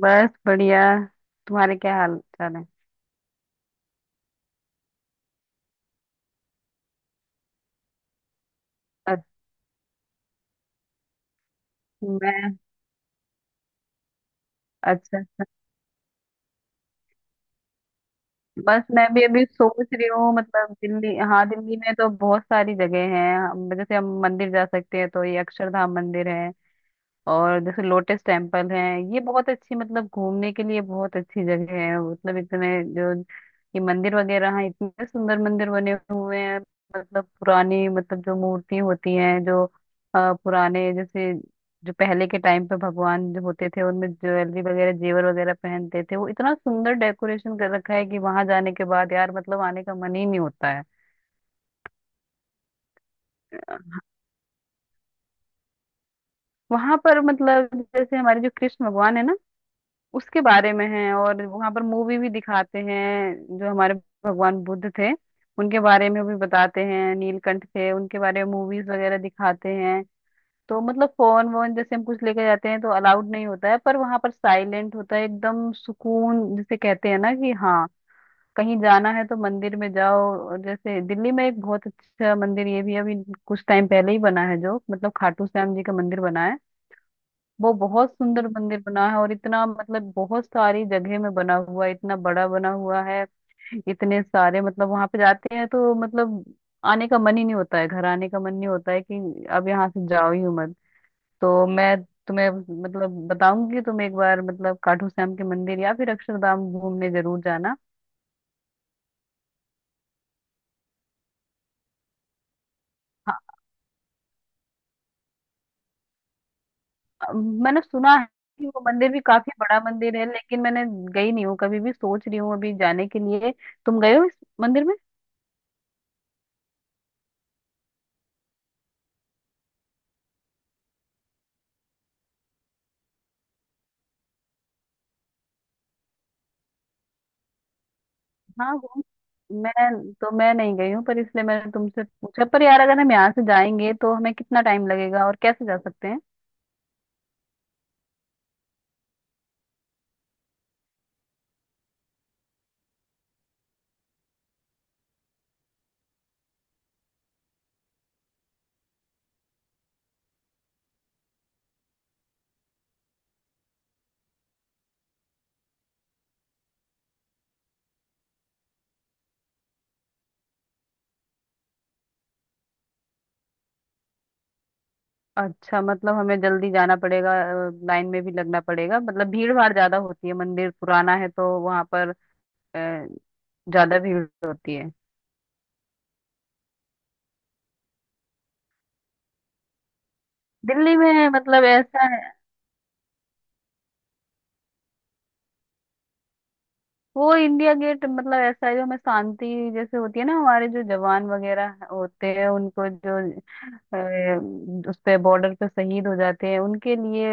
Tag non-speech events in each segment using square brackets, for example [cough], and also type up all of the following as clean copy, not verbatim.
बस बढ़िया। तुम्हारे क्या हाल चाल है? अच्छा, मैं। अच्छा। बस मैं भी अभी सोच रही हूँ, मतलब दिल्ली, हाँ, दिल्ली में तो बहुत सारी जगह हैं। जैसे हम मंदिर जा सकते हैं तो ये अक्षरधाम मंदिर है। और जैसे लोटस टेम्पल है। ये बहुत अच्छी, मतलब घूमने के लिए बहुत अच्छी जगह है। मतलब इतने जो ये मंदिर वगैरह हैं, इतने सुंदर मंदिर बने हुए हैं। मतलब पुरानी, मतलब जो मूर्ति होती हैं, जो पुराने जैसे, जो पहले के टाइम पे भगवान जो होते थे, उनमें ज्वेलरी वगैरह जेवर वगैरह पहनते थे, वो इतना सुंदर डेकोरेशन कर रखा है कि वहां जाने के बाद यार मतलब आने का मन ही नहीं होता है। वहां पर मतलब जैसे हमारे जो कृष्ण भगवान है ना, उसके बारे में है। और वहां पर मूवी भी दिखाते हैं। जो हमारे भगवान बुद्ध थे, उनके बारे में भी बताते हैं। नीलकंठ थे, उनके बारे में मूवीज वगैरह दिखाते हैं। तो मतलब फोन वोन जैसे हम कुछ लेके जाते हैं तो अलाउड नहीं होता है, पर वहां पर साइलेंट होता है, एकदम सुकून जिसे कहते हैं ना कि हाँ, कहीं जाना है तो मंदिर में जाओ। और जैसे दिल्ली में एक बहुत अच्छा मंदिर ये भी अभी कुछ टाइम पहले ही बना है, जो मतलब खाटू श्याम जी का मंदिर बना है। वो बहुत सुंदर मंदिर बना है, और इतना मतलब बहुत सारी जगह में बना हुआ है, इतना बड़ा बना हुआ है। इतने सारे मतलब वहां पे जाते हैं तो मतलब आने का मन ही नहीं होता है। घर आने का मन नहीं होता है कि अब यहाँ से जाओ ही मत। तो मैं तुम्हें मतलब बताऊंगी कि तुम एक बार मतलब खाटू श्याम के मंदिर या फिर अक्षरधाम घूमने जरूर जाना। हाँ, मैंने सुना है कि वो मंदिर भी काफी बड़ा मंदिर है, लेकिन मैंने गई नहीं हूँ कभी भी। सोच रही हूँ अभी जाने के लिए। तुम गए हो इस मंदिर में? हाँ, वो मैं, तो मैं नहीं गई हूँ, पर इसलिए मैंने तुमसे पूछा। पर यार अगर हम यहाँ से जाएंगे तो हमें कितना टाइम लगेगा और कैसे जा सकते हैं? अच्छा, मतलब हमें जल्दी जाना पड़ेगा। लाइन में भी लगना पड़ेगा, मतलब भीड़ भाड़ ज्यादा होती है, मंदिर पुराना है तो वहां पर अ, ज्यादा भीड़ होती है। दिल्ली में मतलब ऐसा है, वो इंडिया गेट मतलब ऐसा है जो हमें शांति, जैसे होती है ना, हमारे जो जवान वगैरह होते हैं उनको जो उस पे बॉर्डर पे शहीद हो जाते हैं, उनके लिए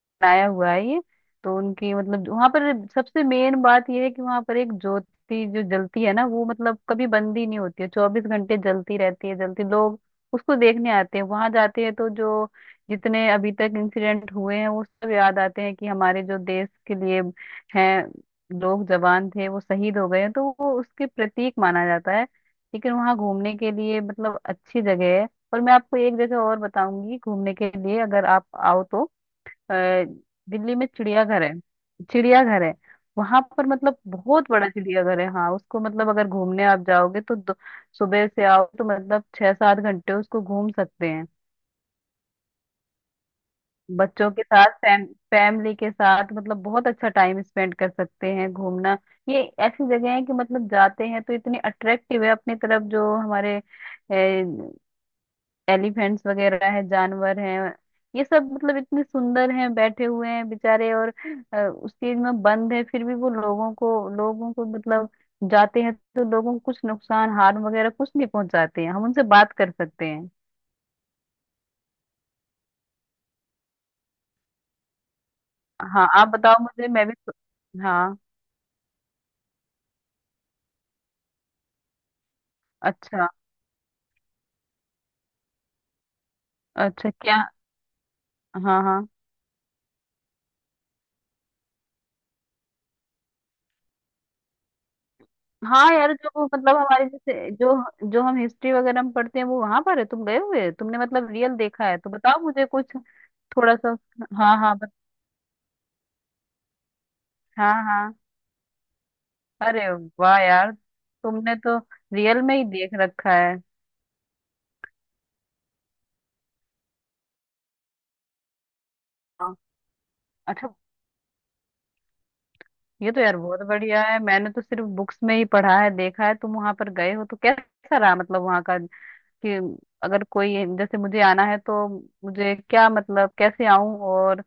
बनाया हुआ है ये। तो उनकी मतलब वहां पर सबसे मेन बात ये है कि वहां पर एक ज्योति जो जलती है ना, वो मतलब कभी बंद ही नहीं होती है। 24 घंटे जलती रहती है। जलती लोग उसको देखने आते हैं। वहां जाते हैं तो जो जितने अभी तक इंसिडेंट हुए हैं, वो सब याद आते हैं कि हमारे जो देश के लिए हैं, लोग जवान थे, वो शहीद हो गए हैं, तो वो उसके प्रतीक माना जाता है। लेकिन वहाँ घूमने के लिए मतलब अच्छी जगह है। और मैं आपको एक जगह और बताऊंगी घूमने के लिए, अगर आप आओ तो। अ, दिल्ली में चिड़ियाघर है, चिड़ियाघर है। वहां पर मतलब बहुत बड़ा चिड़ियाघर है। हाँ, उसको मतलब अगर घूमने आप जाओगे तो सुबह से आओ तो मतलब 6 7 घंटे उसको घूम सकते हैं। बच्चों के साथ फैमिली के साथ मतलब बहुत अच्छा टाइम स्पेंड कर सकते हैं घूमना। ये ऐसी जगह है कि मतलब जाते हैं तो इतनी अट्रैक्टिव है अपनी तरफ, जो हमारे एलिफेंट्स वगैरह है, जानवर हैं, ये सब मतलब इतने सुंदर हैं, बैठे हुए हैं बेचारे, और उस चीज में बंद है, फिर भी वो लोगों को मतलब जाते हैं तो लोगों को कुछ नुकसान हार्म वगैरह कुछ नहीं पहुंचाते हैं। हम उनसे बात कर सकते हैं। हाँ, आप बताओ मुझे, मैं भी हाँ। अच्छा, अच्छा क्या? हाँ, हाँ। हाँ यार, जो वो मतलब हमारे जैसे जो जो हम हिस्ट्री वगैरह में पढ़ते हैं, वो वहां पर है? तुम गए हुए हो? तुमने मतलब रियल देखा है तो बताओ मुझे कुछ थोड़ा सा। हाँ, हाँ। हाँ, हाँ। अरे वाह यार, तुमने तो रियल में ही देख रखा है। हाँ। अच्छा। ये तो यार बहुत बढ़िया है, मैंने तो सिर्फ बुक्स में ही पढ़ा है। देखा है तुम वहां पर गए हो, तो कैसा रहा मतलब वहां का, कि अगर कोई जैसे मुझे आना है तो मुझे क्या मतलब कैसे आऊं? और अ,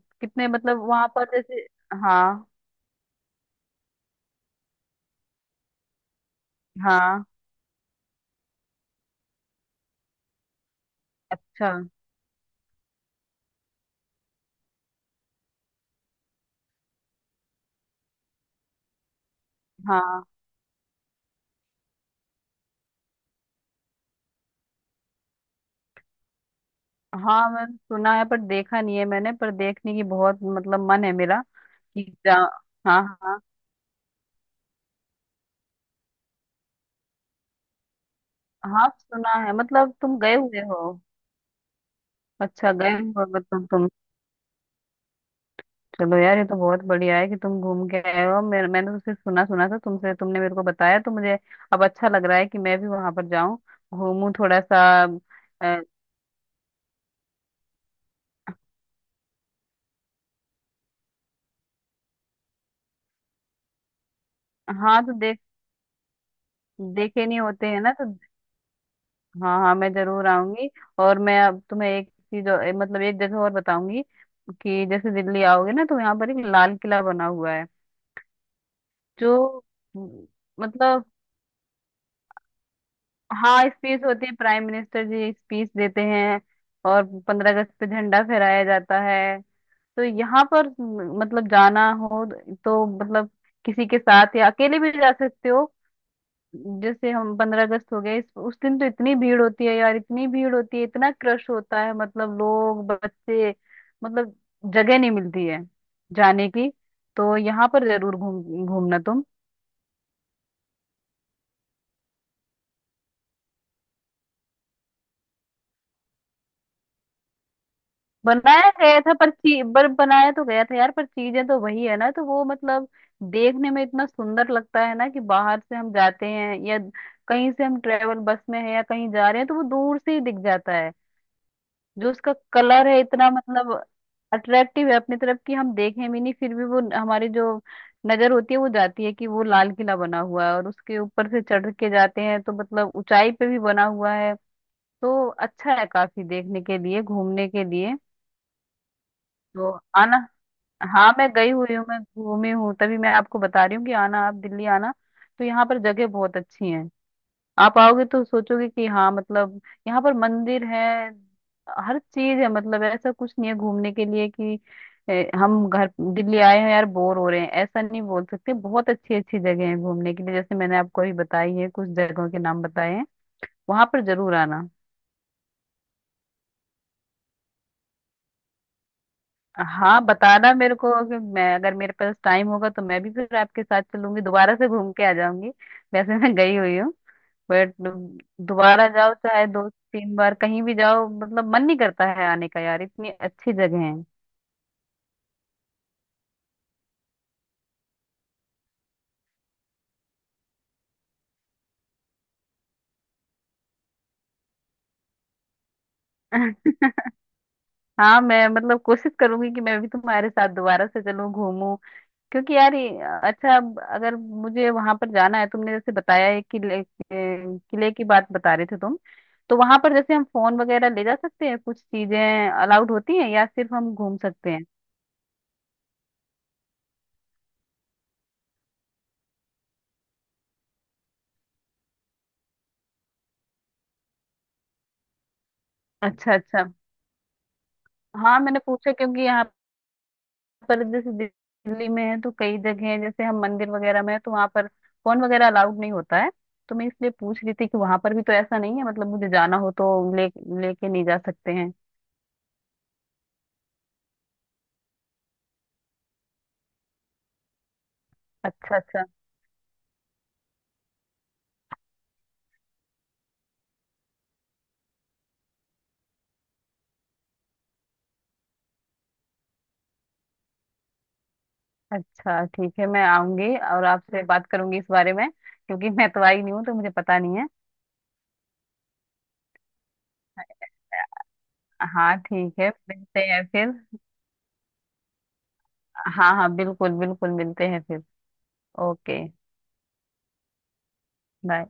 कितने मतलब वहां पर जैसे, हाँ, हाँ। अच्छा। हाँ, हाँ, मैंने सुना है पर देखा नहीं है मैंने, पर देखने की बहुत मतलब मन है मेरा, कि जा, हाँ, हाँ। हाँ, सुना है। मतलब तुम गए हुए हो? अच्छा, गए हुए हो तुम चलो यार ये तो बहुत बढ़िया है कि तुम घूम के आए हो। मेरे, मैंने तो सिर्फ सुना, सुना था तुमसे, तुमने मेरे को बताया तो मुझे अब अच्छा लग रहा है कि मैं भी वहां पर जाऊं, घूमूं थोड़ा सा। अ, हाँ, तो देखे नहीं होते हैं ना तो हाँ, हाँ, मैं जरूर आऊंगी। और मैं अब तुम्हें एक चीज और मतलब एक जगह और बताऊंगी, कि जैसे दिल्ली आओगे ना तो यहाँ पर एक लाल किला बना हुआ है, जो मतलब हाँ, स्पीच होती है, प्राइम मिनिस्टर जी स्पीच देते हैं, और 15 अगस्त पे झंडा फहराया जाता है। तो यहाँ पर मतलब जाना हो तो मतलब किसी के साथ या अकेले भी जा सकते हो। जैसे हम 15 अगस्त हो गए उस दिन, तो इतनी भीड़ होती है यार, इतनी भीड़ होती है, इतना क्रश होता है, मतलब लोग बच्चे, मतलब जगह नहीं मिलती है जाने की। तो यहाँ पर जरूर घूम घूमना। बनाया गया था पर ची पर बनाया तो गया था यार, पर चीजें तो वही है ना, तो वो मतलब देखने में इतना सुंदर लगता है ना कि बाहर से हम जाते हैं, या कहीं से हम ट्रेवल बस में है, या कहीं जा रहे हैं, तो वो दूर से ही दिख जाता है। जो उसका कलर है इतना मतलब अट्रैक्टिव है अपनी तरफ, कि हम देखें भी नहीं फिर भी वो हमारी जो नजर होती है वो जाती है कि वो लाल किला बना हुआ है। और उसके ऊपर से चढ़ के जाते हैं तो मतलब ऊंचाई पे भी बना हुआ है, तो अच्छा है काफी देखने के लिए, घूमने के लिए। तो आना। हाँ, मैं गई हुई हूँ, मैं घूमी हूँ, तभी मैं आपको बता रही हूँ कि आना, आप दिल्ली आना। तो यहाँ पर जगह बहुत अच्छी हैं। आप आओगे तो सोचोगे कि हाँ, मतलब यहाँ पर मंदिर है, हर चीज है, मतलब ऐसा कुछ नहीं है घूमने के लिए कि हम घर दिल्ली आए हैं यार, बोर हो रहे हैं, ऐसा नहीं बोल सकते। बहुत अच्छी अच्छी जगह है घूमने के लिए, जैसे मैंने आपको अभी बताई है, कुछ जगहों के नाम बताए हैं, वहां पर जरूर आना। हाँ, बताना मेरे को, कि मैं अगर मेरे पास टाइम होगा तो मैं भी फिर आपके साथ चलूंगी, दोबारा से घूम के आ जाऊंगी। वैसे मैं गई हुई हूँ बट दोबारा जाओ, चाहे 2 3 बार कहीं भी जाओ, मतलब मन नहीं करता है आने का यार, इतनी अच्छी जगह है। [laughs] हाँ, मैं मतलब कोशिश करूंगी कि मैं भी तुम्हारे साथ दोबारा से चलूं, घूमूं। क्योंकि यार अच्छा, अब अगर मुझे वहां पर जाना है, तुमने जैसे बताया है, किले, किले की बात बता रहे थे तुम, तो वहां पर जैसे हम फोन वगैरह ले जा सकते हैं, कुछ चीजें अलाउड होती हैं या सिर्फ हम घूम सकते हैं? अच्छा, अच्छा। हाँ, मैंने पूछा क्योंकि यहाँ पर जैसे दिल्ली में है तो कई जगह हैं, जैसे हम मंदिर वगैरह में है तो वहां पर फोन वगैरह अलाउड नहीं होता है, तो मैं इसलिए पूछ रही थी कि वहां पर भी तो ऐसा नहीं है, मतलब मुझे जाना हो तो ले लेके नहीं जा सकते हैं। अच्छा, अच्छा। अच्छा, ठीक है, मैं आऊंगी और आपसे बात करूंगी इस बारे में, क्योंकि मैं तो आई नहीं हूँ तो मुझे पता नहीं है। हाँ, ठीक है, मिलते हैं फिर। हाँ, हाँ, बिल्कुल बिल्कुल, मिलते हैं फिर। Okay, bye.